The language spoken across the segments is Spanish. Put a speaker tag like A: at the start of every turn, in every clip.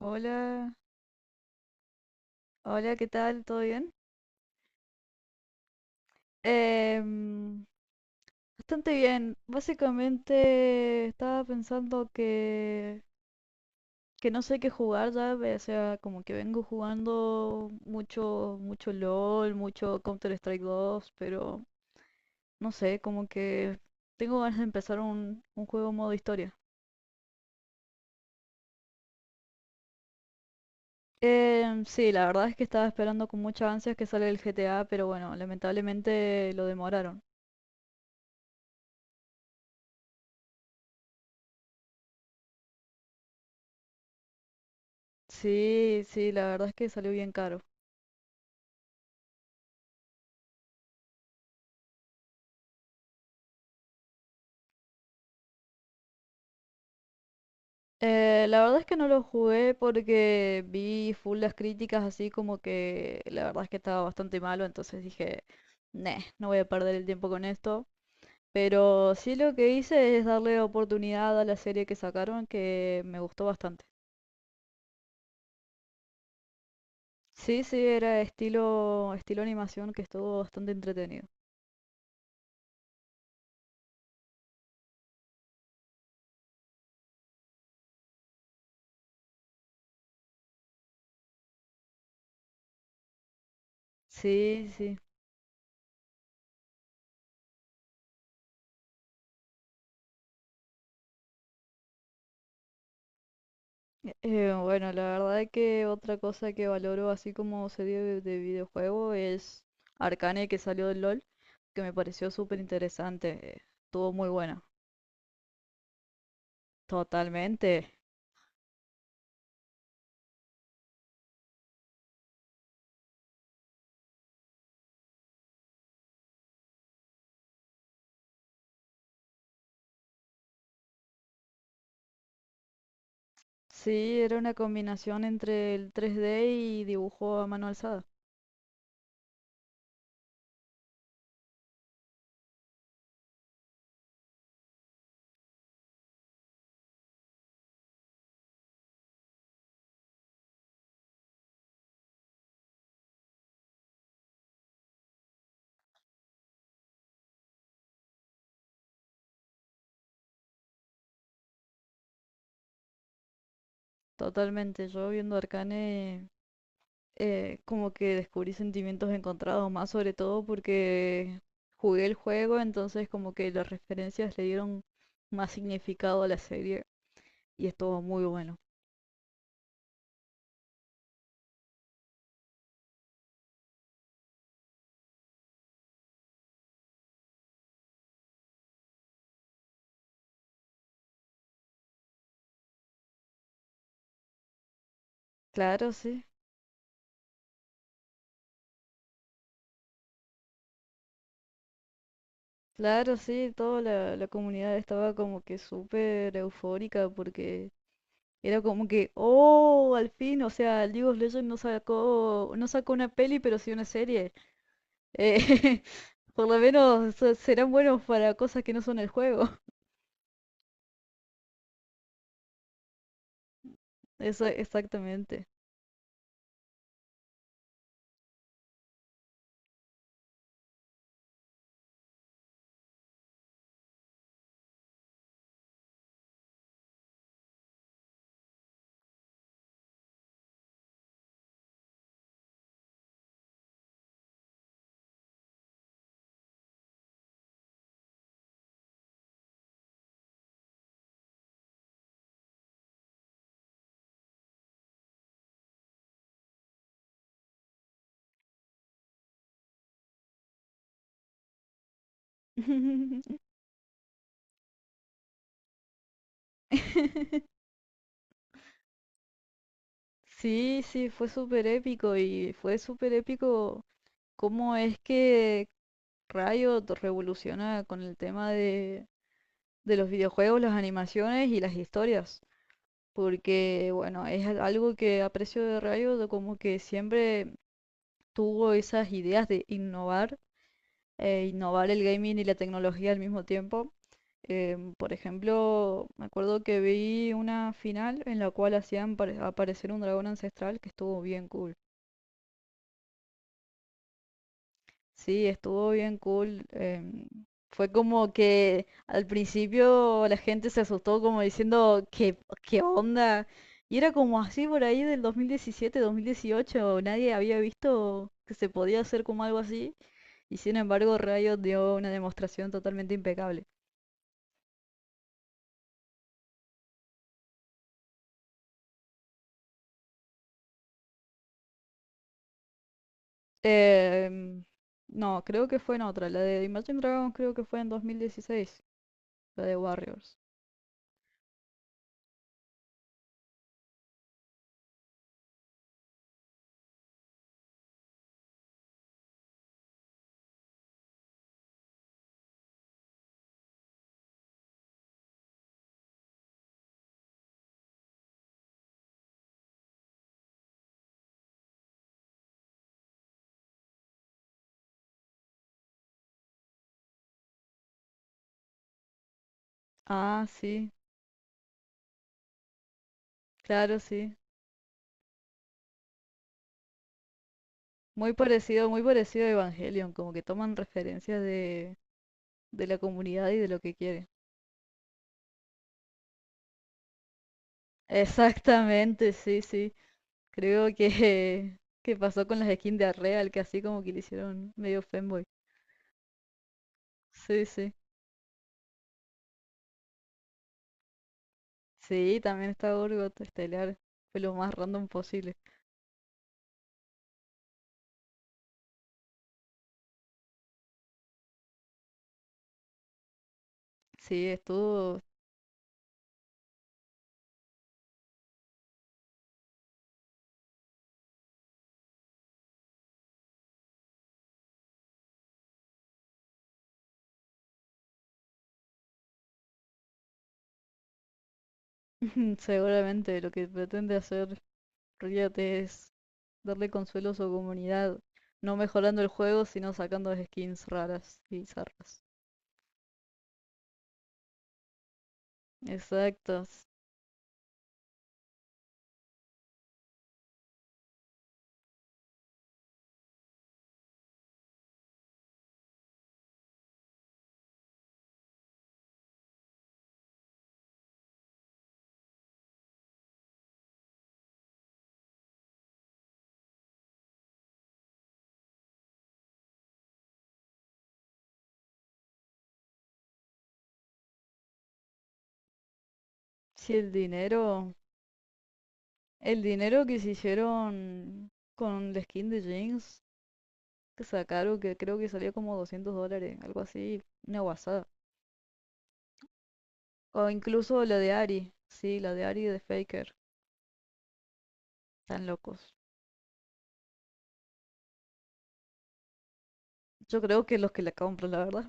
A: Hola, hola, ¿qué tal? ¿Todo bien? Em, bastante bien. Básicamente estaba pensando que no sé qué jugar ya, o sea, como que vengo jugando mucho, mucho LOL, mucho Counter-Strike 2, pero no sé, como que tengo ganas de empezar un juego modo historia. Sí, la verdad es que estaba esperando con muchas ansias que sale el GTA, pero bueno, lamentablemente lo demoraron. Sí, sí, la verdad es que salió bien caro. La verdad es que no lo jugué porque vi full las críticas así como que la verdad es que estaba bastante malo, entonces dije, "Neh, no voy a perder el tiempo con esto. Pero sí lo que hice es darle oportunidad a la serie que sacaron que me gustó bastante. Sí, sí, era estilo animación que estuvo bastante entretenido. Sí, sí. Bueno, la verdad que otra cosa que valoro así como serie de videojuego es Arcane que salió del LOL, que me pareció súper interesante. Estuvo muy buena. Totalmente. Sí, era una combinación entre el 3D y dibujo a mano alzada. Totalmente. Yo viendo Arcane como que descubrí sentimientos encontrados, más sobre todo porque jugué el juego, entonces como que las referencias le dieron más significado a la serie. Y estuvo muy bueno. Claro, sí, claro, sí, toda la comunidad estaba como que súper eufórica porque era como que, oh, al fin, o sea, League of Legends no sacó una peli, pero sí una serie. Eh, por lo menos serán buenos para cosas que no son el juego. Eso, exactamente. Sí, sí, fue súper épico y fue súper épico cómo es que Riot revoluciona con el tema de los videojuegos, las animaciones y las historias, porque bueno, es algo que aprecio de Rayo, de como que siempre tuvo esas ideas de innovar, innovar el gaming y la tecnología al mismo tiempo. Por ejemplo, me acuerdo que vi una final en la cual hacían aparecer un dragón ancestral que estuvo bien cool. Sí, estuvo bien cool. Fue como que al principio la gente se asustó como diciendo, ¿qué onda? Y era como así por ahí del 2017, 2018. Nadie había visto que se podía hacer como algo así. Y sin embargo, Riot dio una demostración totalmente impecable. Em, no, creo que fue en otra. La de Imagine Dragons creo que fue en 2016. La de Warriors. Ah, sí. Claro, sí. Muy parecido a Evangelion, como que toman referencias de la comunidad y de lo que quieren. Exactamente, sí, sí. Creo que, que pasó con las skins de Arreal, que así como que le hicieron medio fanboy. Sí, sí. Sí, también está Gorgot Estelar. Fue lo más random posible. Sí, estuvo. Seguramente lo que pretende hacer Riot es darle consuelo a su comunidad, no mejorando el juego, sino sacando skins raras y bizarras. Exacto. Si el dinero, el dinero que se hicieron con la skin de Jinx, que sacaron, que creo que salía como 200 dólares, algo así, una guasada. O incluso la de Ari, sí, la de Ari de Faker, tan locos. Yo creo que los que la compran, la verdad.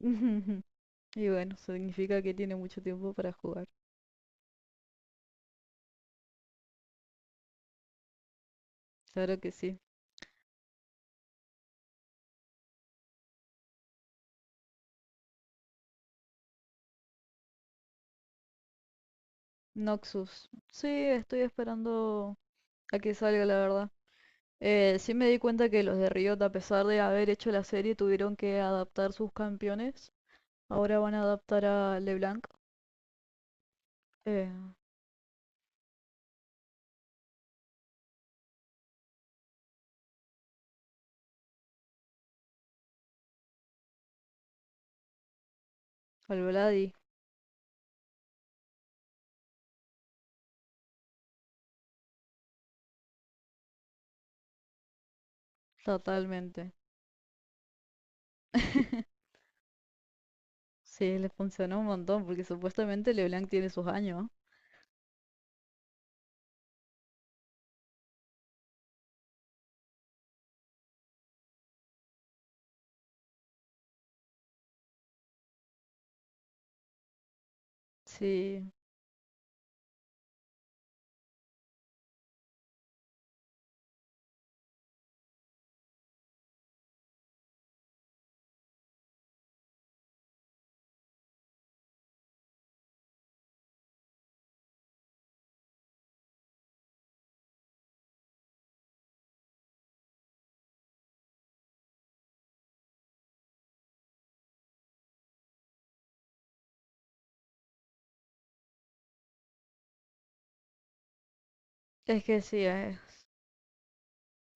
A: Y bueno, significa que tiene mucho tiempo para jugar. Claro que sí. Noxus. Sí, estoy esperando a que salga, la verdad. Sí me di cuenta que los de Riot, a pesar de haber hecho la serie, tuvieron que adaptar sus campeones. Ahora van a adaptar a LeBlanc, eh, al Vladi, totalmente. Sí, les funcionó un montón porque supuestamente LeBlanc tiene sus años. Sí, es que sí, es,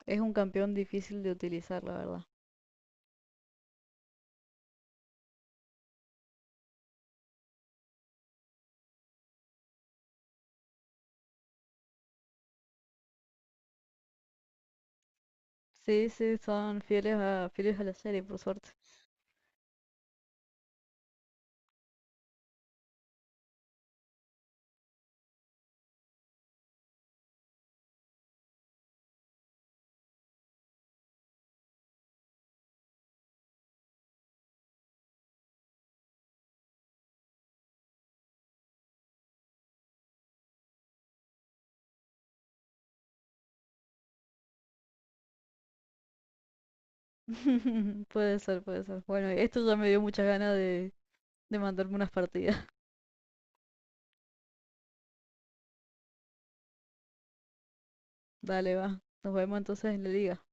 A: es un campeón difícil de utilizar, la verdad. Sí, sí, son fieles a, fieles a la serie, por suerte. Puede ser, puede ser. Bueno, esto ya me dio muchas ganas de mandarme unas partidas. Dale, va. Nos vemos entonces en la liga.